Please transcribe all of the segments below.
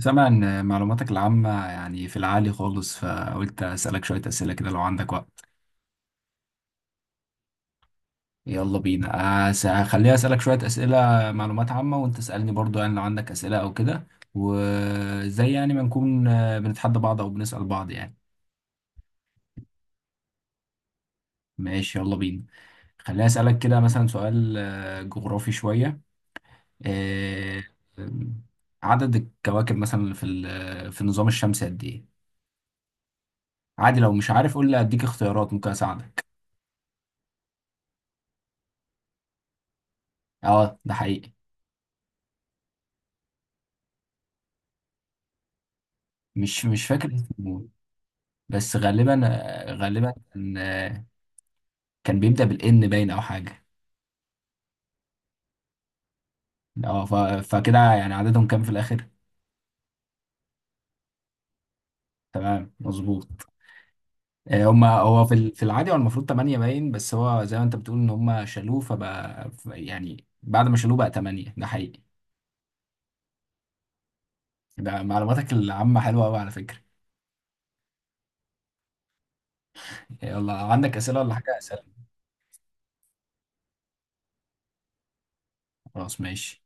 سامع ان معلوماتك العامة يعني في العالي خالص فقلت اسألك شوية اسئلة كده لو عندك وقت. يلا بينا. هخليها اسألك شوية اسئلة معلومات عامة وانت اسألني برضو يعني لو عندك اسئلة او كده. وزي يعني ما نكون بنتحدى بعض او بنسأل بعض يعني. ماشي يلا بينا. خليني اسألك كده مثلا سؤال جغرافي شوية. آه، آم، عدد الكواكب مثلا في النظام الشمسي قد ايه؟ عادي لو مش عارف قول لي اديك اختيارات ممكن اساعدك. اه ده حقيقي. مش فاكر اسمه، بس غالبا غالبا كان كان بيبدأ بالإن باين أو حاجة. اه ف- فكده يعني عددهم كام في الآخر؟ تمام مظبوط. هما هو في العادي هو المفروض 8 باين، بس هو زي ما انت بتقول ان هما شالوه فبقى يعني بعد ما شالوه بقى 8. ده حقيقي. ده معلوماتك العامة حلوة قوي على فكرة. يلا عندك أسئلة ولا حاجة أسألك؟ خلاص ماشي.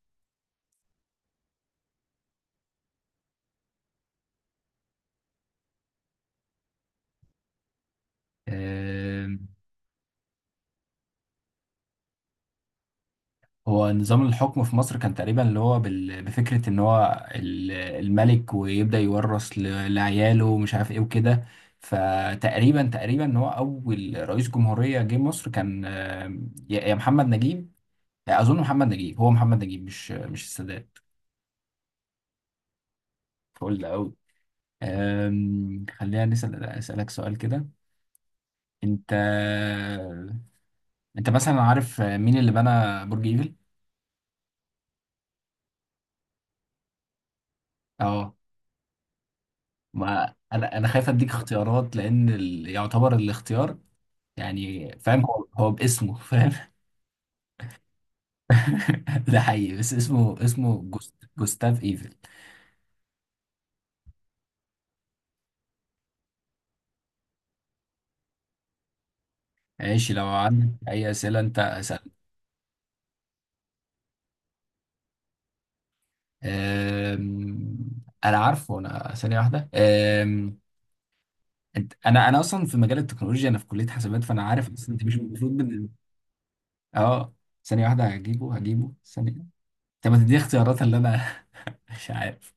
آه، هو نظام الحكم في مصر كان تقريبا اللي هو بفكرة ان هو الملك ويبدأ يورث لعياله ومش عارف ايه وكده. فتقريبا ان هو اول رئيس جمهورية جه مصر كان، يا محمد نجيب. اظن محمد نجيب، هو محمد نجيب مش السادات. فقول ده قوي. خلينا اسألك سؤال كده. انت انت مثلا عارف مين اللي بنى برج ايفل؟ اه ما انا خايف اديك اختيارات لان ال... يعتبر الاختيار، يعني فاهم هو باسمه فاهم. ده حقيقي بس اسمه جوستاف ايفل. ماشي لو عندك اي اسئله انت اسال. أم... انا عارفه، انا ثانيه واحده. أم... انا اصلا في مجال التكنولوجيا، انا في كليه حسابات، فانا عارف اصلا انت مش المفروض من... اه ثانيه واحده، هجيبه ثانيه. طب ما تديني اختيارات اللي انا مش عارف.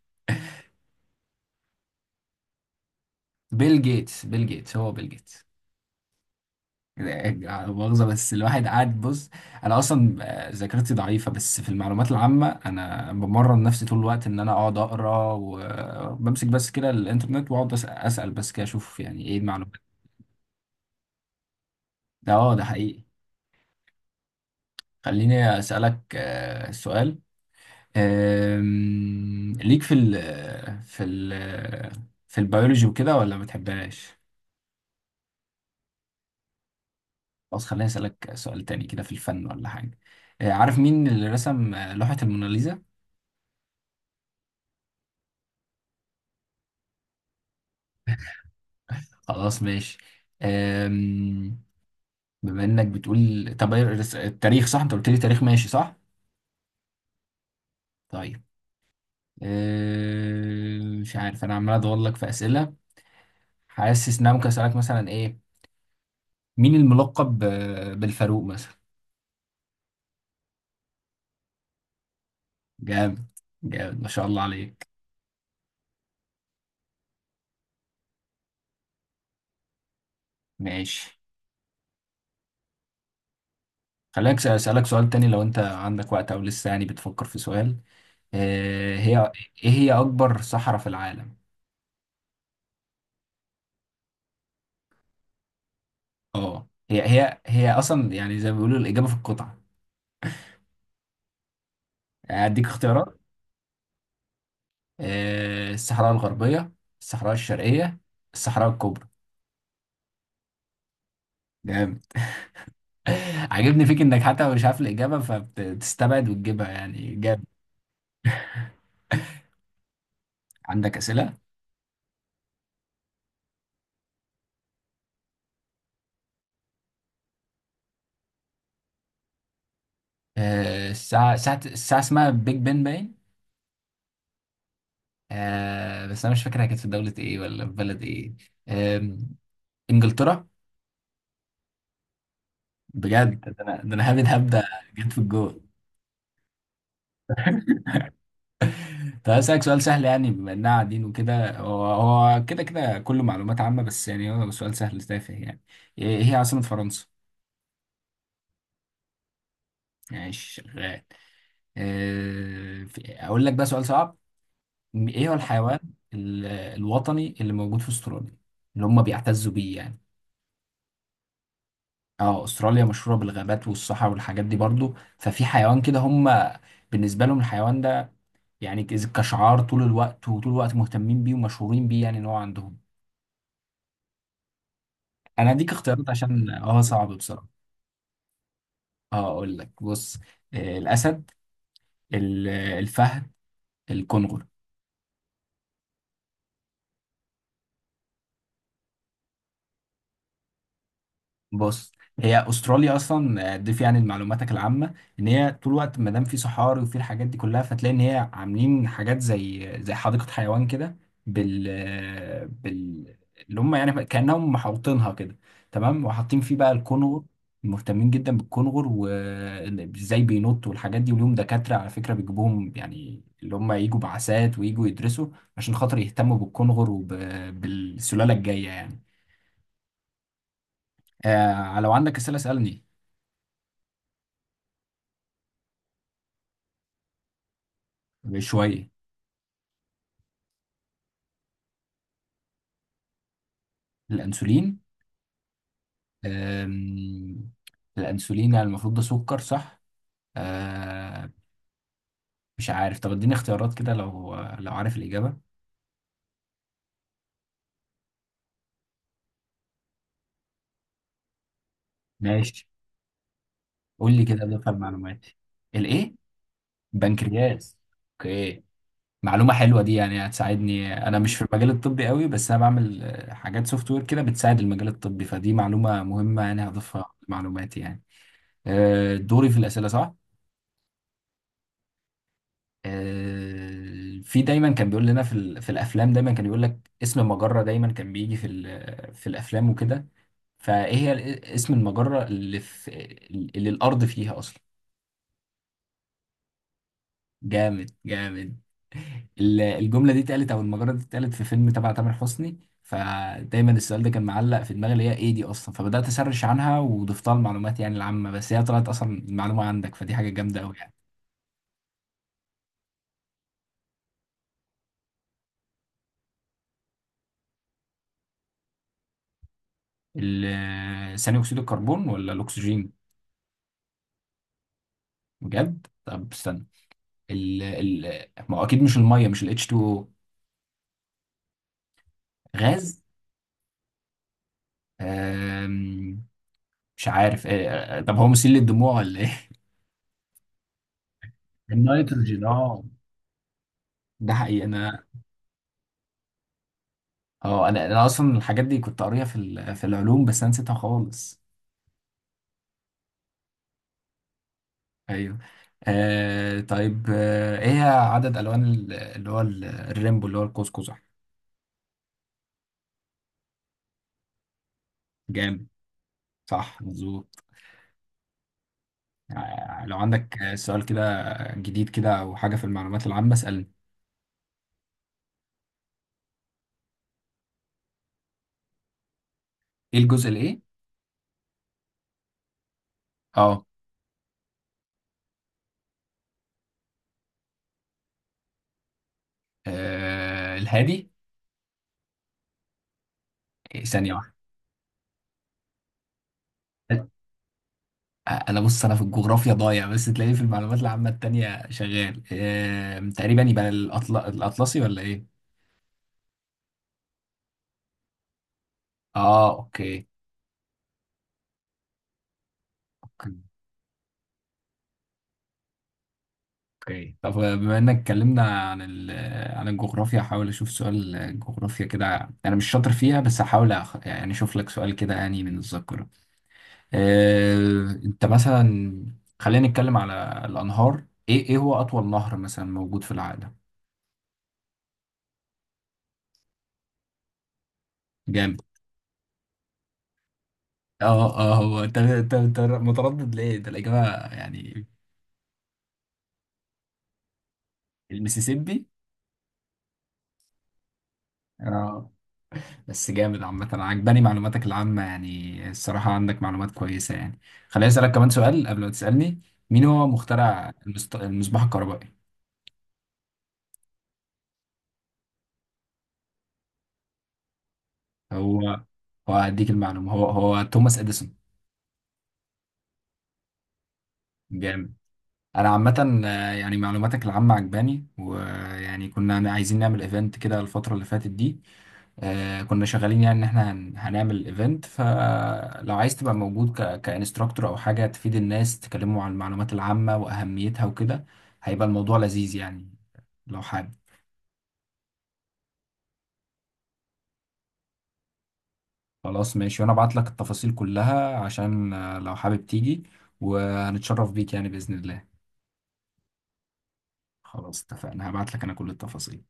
بيل جيتس هو بيل جيتس. مؤاخذة بس الواحد قاعد بص. أنا أصلا ذاكرتي ضعيفة، بس في المعلومات العامة أنا بمرن نفسي طول الوقت إن أنا أقعد أقرأ وبمسك بس كده الإنترنت وأقعد أسأل بس كده أشوف يعني إيه المعلومات. ده أه ده حقيقي. خليني أسألك سؤال. ليك في ال في ال في البيولوجي وكده ولا ما بتحبهاش؟ خلاص خليني أسألك سؤال تاني كده في الفن ولا حاجة. عارف مين اللي رسم لوحة الموناليزا؟ خلاص ماشي. أم... بما انك بتقول طب إيه التاريخ، صح انت قلت لي تاريخ، ماشي صح. طيب. مش عارف انا عمال ادور لك في اسئله. حاسس ان انا ممكن اسالك مثلا ايه. مين الملقب بالفاروق مثلا؟ جامد. جامد ما شاء الله عليك. ماشي. خليني اسالك سؤال تاني لو انت عندك وقت او لسه يعني بتفكر في سؤال. أه... هي ايه هي اكبر صحراء في العالم؟ اه هي اصلا يعني زي ما بيقولوا الاجابه في القطعه. اديك اختيارات: الصحراء الغربية، الصحراء الشرقية، الصحراء الكبرى. جامد. عاجبني فيك انك حتى مش عارف الإجابة فبتستبعد وتجيبها، يعني جامد. عندك أسئلة؟ الساعة اسمها بيج بن باين. بس أنا مش فاكر هي كانت في دولة إيه ولا في بلد إيه. آم، إنجلترا. بجد؟ ده أنا هبد هبدأ جيت في الجول. طب هسألك سؤال سهل، يعني بما إننا قاعدين وكده هو هو كده كده كله معلومات عامة، بس يعني هو سؤال سهل تافه يعني. إيه هي عاصمة فرنسا؟ ماشي شغال. اقول لك بقى سؤال صعب. ايه هو الحيوان الوطني اللي موجود في استراليا، اللي هم بيعتزوا بيه يعني؟ اه استراليا مشهوره بالغابات والصحراء والحاجات دي برضو، ففي حيوان كده هم بالنسبه لهم الحيوان ده، يعني كشعار طول الوقت، وطول الوقت مهتمين بيه ومشهورين بيه، يعني ان هو عندهم. انا اديك اختيارات عشان اه صعب بصراحه. اه اقول لك بص: الاسد، الفهد، الكنغر. بص، هي استراليا اصلا ضيف يعني لمعلوماتك العامه ان هي طول الوقت ما دام في صحاري وفي الحاجات دي كلها فتلاقي ان هي عاملين حاجات زي حديقه حيوان كده بال آه، بال اللي هم يعني كانهم محوطينها كده، تمام، وحاطين فيه بقى الكونغر. مهتمين جدا بالكونغر، وازاي بينط والحاجات دي، وليهم دكاتره على فكره بيجيبوهم يعني اللي هم يجوا بعثات ويجوا يدرسوا عشان خاطر يهتموا بالكونغر وبالسلاله الجايه يعني. آه لو عندك اسئله اسالني. شوية. الأنسولين؟ أم، الأنسولين يعني المفروض ده سكر، صح؟ أه. مش عارف، طب اديني اختيارات كده لو لو عارف الإجابة. ماشي. قول لي كده دفع معلوماتي. الإيه؟ بنكرياس. أوكي. معلومة حلوة دي، يعني هتساعدني، أنا مش في المجال الطبي قوي بس أنا بعمل حاجات سوفت وير كده بتساعد المجال الطبي، فدي معلومة مهمة يعني هضيفها لمعلوماتي يعني. دوري في الأسئلة صح؟ في دايما كان بيقول لنا في الافلام، دايما كان يقول لك اسم مجرة دايما كان بيجي في الافلام وكده. فايه هي اسم المجرة اللي في اللي الارض اصلا؟ جامد جامد. الجملة دي اتقالت، او المجرة دي اتقالت في فيلم تبع تامر حسني، فدايما السؤال ده كان معلق في دماغي اللي هي ايه دي اصلا، فبدأت اسرش عنها وضفتها المعلومات يعني العامة، بس هي طلعت اصلا المعلومة عندك، فدي حاجة جامدة قوي يعني. ثاني اكسيد الكربون ولا الاكسجين؟ بجد؟ طب استنى. ال ال ما هو اكيد مش الميه، مش ال H2O. غاز. آم، مش عارف إيه. طب هو مسيل للدموع ولا ايه؟ النيتروجين، اه ده حقيقي. انا اه انا اصلا الحاجات دي كنت قاريها في العلوم، بس انا نسيتها خالص. ايوه. آه طيب، آه ايه عدد الوان الريمبو اللي هو القوس قزح؟ جامد، صح مظبوط. لو عندك سؤال كده جديد كده او حاجه في المعلومات العامه اسالني. ايه الجزء؟ اه. آه الهادي. إيه، ثانية واحدة. أنا بص أنا في الجغرافيا ضايع، بس تلاقيه في المعلومات العامة التانية شغال. آه تقريبا يبقى الأطل... الأطلسي ولا إيه؟ آه أوكي. أوكي أوكي. طب بما إنك اتكلمنا عن ال... عن الجغرافيا هحاول أشوف سؤال جغرافيا كده، أنا مش شاطر فيها بس هحاول أخ... يعني أشوف لك سؤال كده يعني من الذاكرة. آه أنت مثلا، خلينا نتكلم على الأنهار. إيه هو أطول نهر مثلا موجود في العالم؟ جامد. اه اه هو انت متردد ليه؟ ده الإجابة يعني. المسيسيبي؟ اه. بس جامد عامة، أنا عجباني معلوماتك العامة يعني، الصراحة عندك معلومات كويسة يعني. خليني أسألك كمان سؤال قبل ما تسألني. مين هو مخترع المصباح الكهربائي؟ هو هو هديك المعلومة، هو توماس إديسون. جامد. انا عامه يعني معلوماتك العامه عجباني، ويعني كنا عايزين نعمل ايفنت كده الفتره اللي فاتت دي. كنا شغالين يعني ان احنا هنعمل ايفنت، فلو عايز تبقى موجود ك كانستراكتور او حاجه تفيد الناس تكلموا عن المعلومات العامه واهميتها وكده، هيبقى الموضوع لذيذ يعني، لو حابب. خلاص ماشي، وانا ابعت لك التفاصيل كلها عشان لو حابب تيجي، وهنتشرف بيك يعني باذن الله. خلاص اتفقنا، هبعت لك انا كل التفاصيل.